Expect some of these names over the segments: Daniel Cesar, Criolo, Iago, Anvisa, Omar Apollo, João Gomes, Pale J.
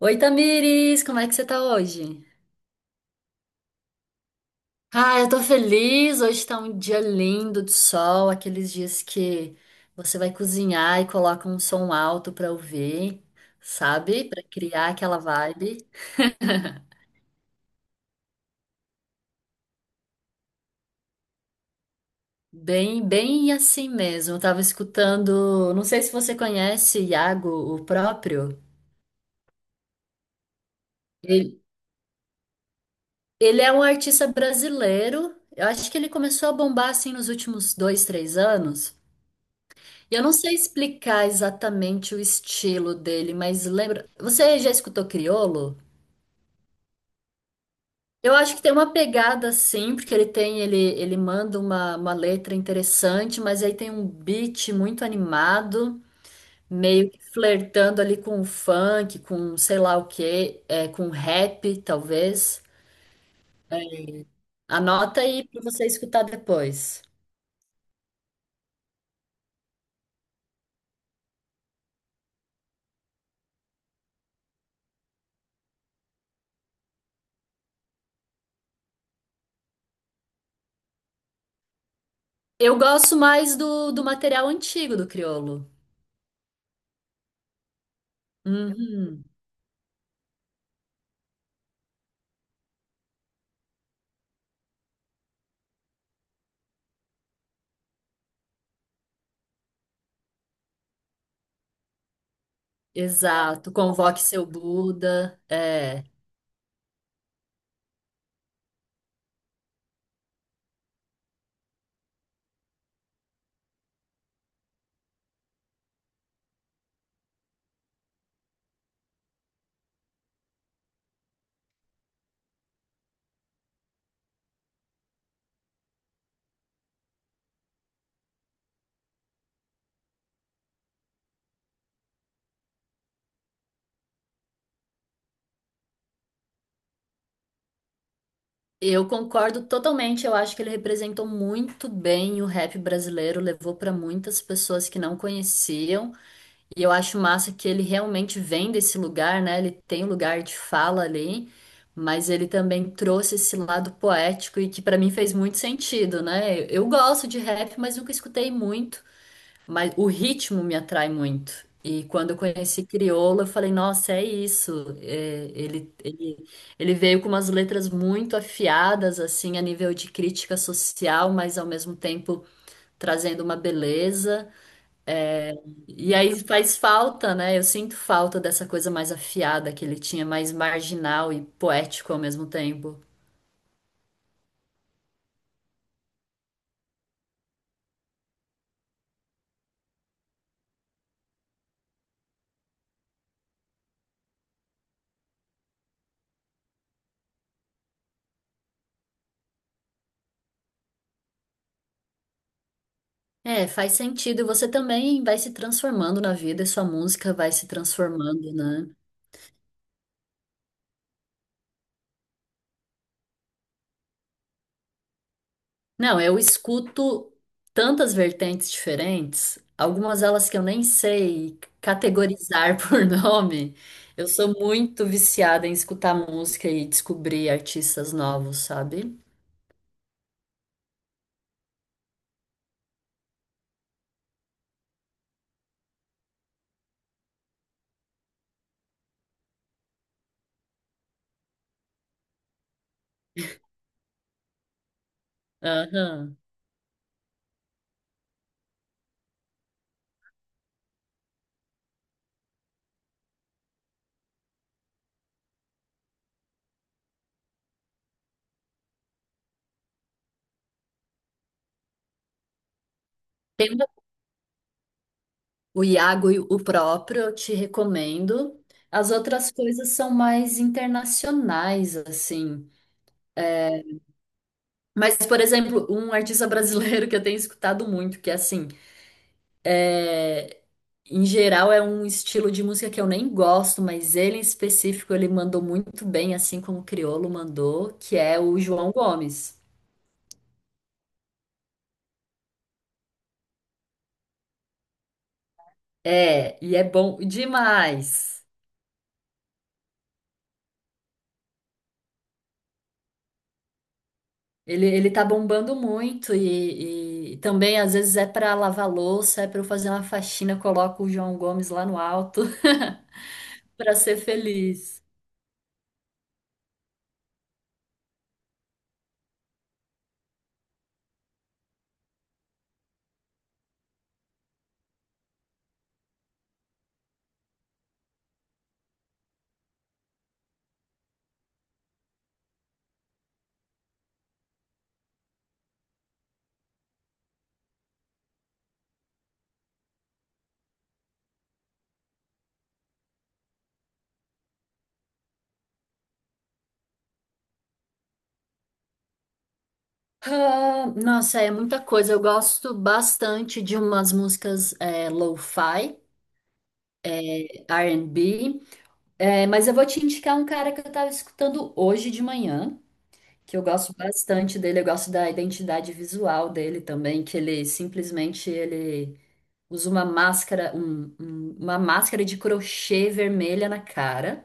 Oi, Tamires, como é que você tá hoje? Ah, eu tô feliz. Hoje tá um dia lindo de sol, aqueles dias que você vai cozinhar e coloca um som alto pra ouvir, sabe? Pra criar aquela vibe. Bem assim mesmo. Eu tava escutando, não sei se você conhece Iago, o próprio. Ele, ele é um artista brasileiro. Eu acho que ele começou a bombar assim nos últimos dois, três anos. Eu não sei explicar exatamente o estilo dele, mas lembra. Você já escutou Criolo? Eu acho que tem uma pegada assim, porque ele tem, ele manda uma letra interessante, mas aí tem um beat muito animado, meio que flertando ali com o funk, com sei lá o quê, com rap, talvez. Anota aí pra você escutar depois. Eu gosto mais do material antigo do Criolo. Uhum. Exato, convoque seu Buda. É, eu concordo totalmente. Eu acho que ele representou muito bem o rap brasileiro, levou para muitas pessoas que não conheciam. E eu acho massa que ele realmente vem desse lugar, né? Ele tem um lugar de fala ali, mas ele também trouxe esse lado poético e que para mim fez muito sentido, né? Eu gosto de rap, mas nunca escutei muito. Mas o ritmo me atrai muito. E quando eu conheci Criolo, eu falei, nossa, é isso. É, ele veio com umas letras muito afiadas, assim, a nível de crítica social, mas ao mesmo tempo trazendo uma beleza. E aí faz falta, né? Eu sinto falta dessa coisa mais afiada que ele tinha, mais marginal e poético ao mesmo tempo. É, faz sentido. Você também vai se transformando na vida e sua música vai se transformando, né? Não, eu escuto tantas vertentes diferentes, algumas delas que eu nem sei categorizar por nome. Eu sou muito viciada em escutar música e descobrir artistas novos, sabe? Aham. Tem uma- o Iago e o próprio, eu te recomendo. As outras coisas são mais internacionais, assim. Mas, por exemplo, um artista brasileiro que eu tenho escutado muito, que é assim. Em geral, é um estilo de música que eu nem gosto, mas ele em específico ele mandou muito bem, assim como o Criolo mandou, que é o João Gomes. É, e é bom demais. Ele tá bombando muito e também às vezes é pra lavar louça, é pra eu fazer uma faxina, eu coloco o João Gomes lá no alto pra ser feliz. Ah, nossa, é muita coisa. Eu gosto bastante de umas músicas lo-fi, R&B. É, mas eu vou te indicar um cara que eu tava escutando hoje de manhã, que eu gosto bastante dele, eu gosto da identidade visual dele também, que ele simplesmente ele usa uma máscara, uma máscara de crochê vermelha na cara,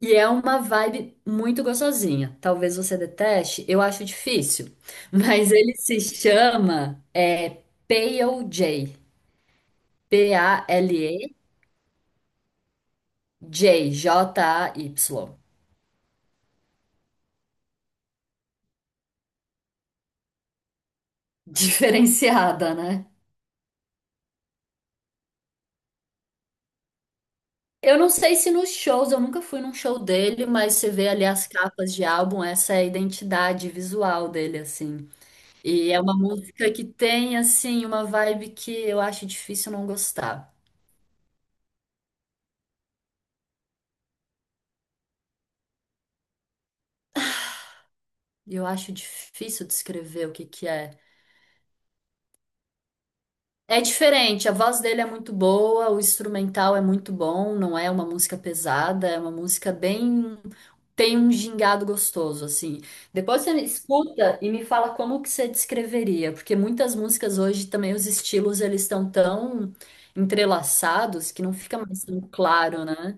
e é uma vibe muito gostosinha. Talvez você deteste, eu acho difícil, mas ele se chama Pale J, P-A-L-E J, J-A-Y. Diferenciada, né? Eu não sei se nos shows, eu nunca fui num show dele, mas você vê ali as capas de álbum, essa é a identidade visual dele, assim. E é uma música que tem, assim, uma vibe que eu acho difícil não gostar. Eu acho difícil descrever o que que é. É diferente, a voz dele é muito boa, o instrumental é muito bom, não é uma música pesada, é uma música bem. Tem um gingado gostoso, assim. Depois você escuta e me fala como que você descreveria, porque muitas músicas hoje também os estilos eles estão tão entrelaçados que não fica mais tão claro, né?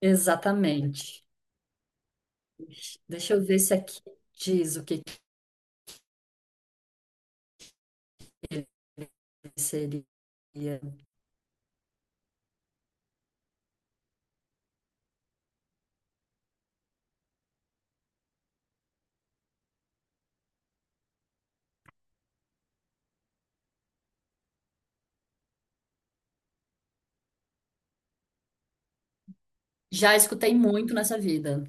Exatamente. Deixa eu ver se aqui diz o que que seria. Já escutei muito nessa vida.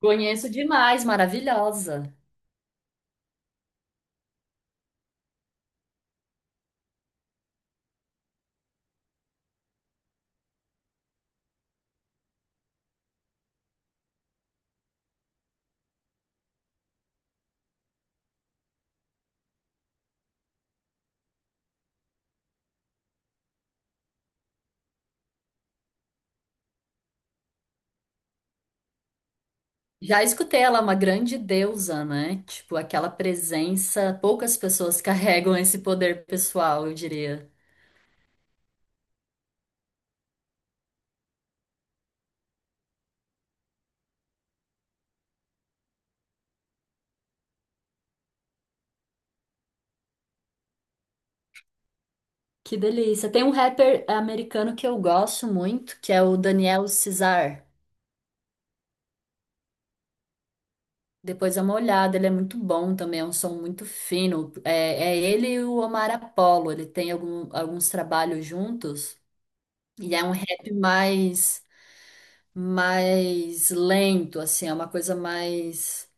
Conheço demais, maravilhosa. Já escutei ela uma grande deusa, né? Tipo, aquela presença, poucas pessoas carregam esse poder pessoal, eu diria. Que delícia. Tem um rapper americano que eu gosto muito, que é o Daniel Cesar. Depois dá uma olhada, ele é muito bom também, é um som muito fino. É, é ele e o Omar Apollo, ele tem algum- alguns trabalhos juntos, e é um rap mais, mais lento, assim, é uma coisa mais.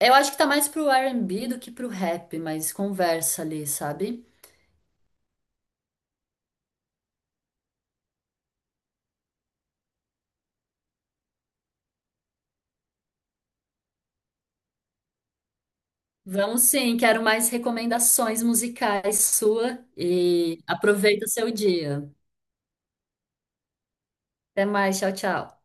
Eu acho que tá mais pro R&B do que pro rap, mas conversa ali, sabe? Vamos sim, quero mais recomendações musicais sua e aproveita o seu dia. Até mais, tchau, tchau.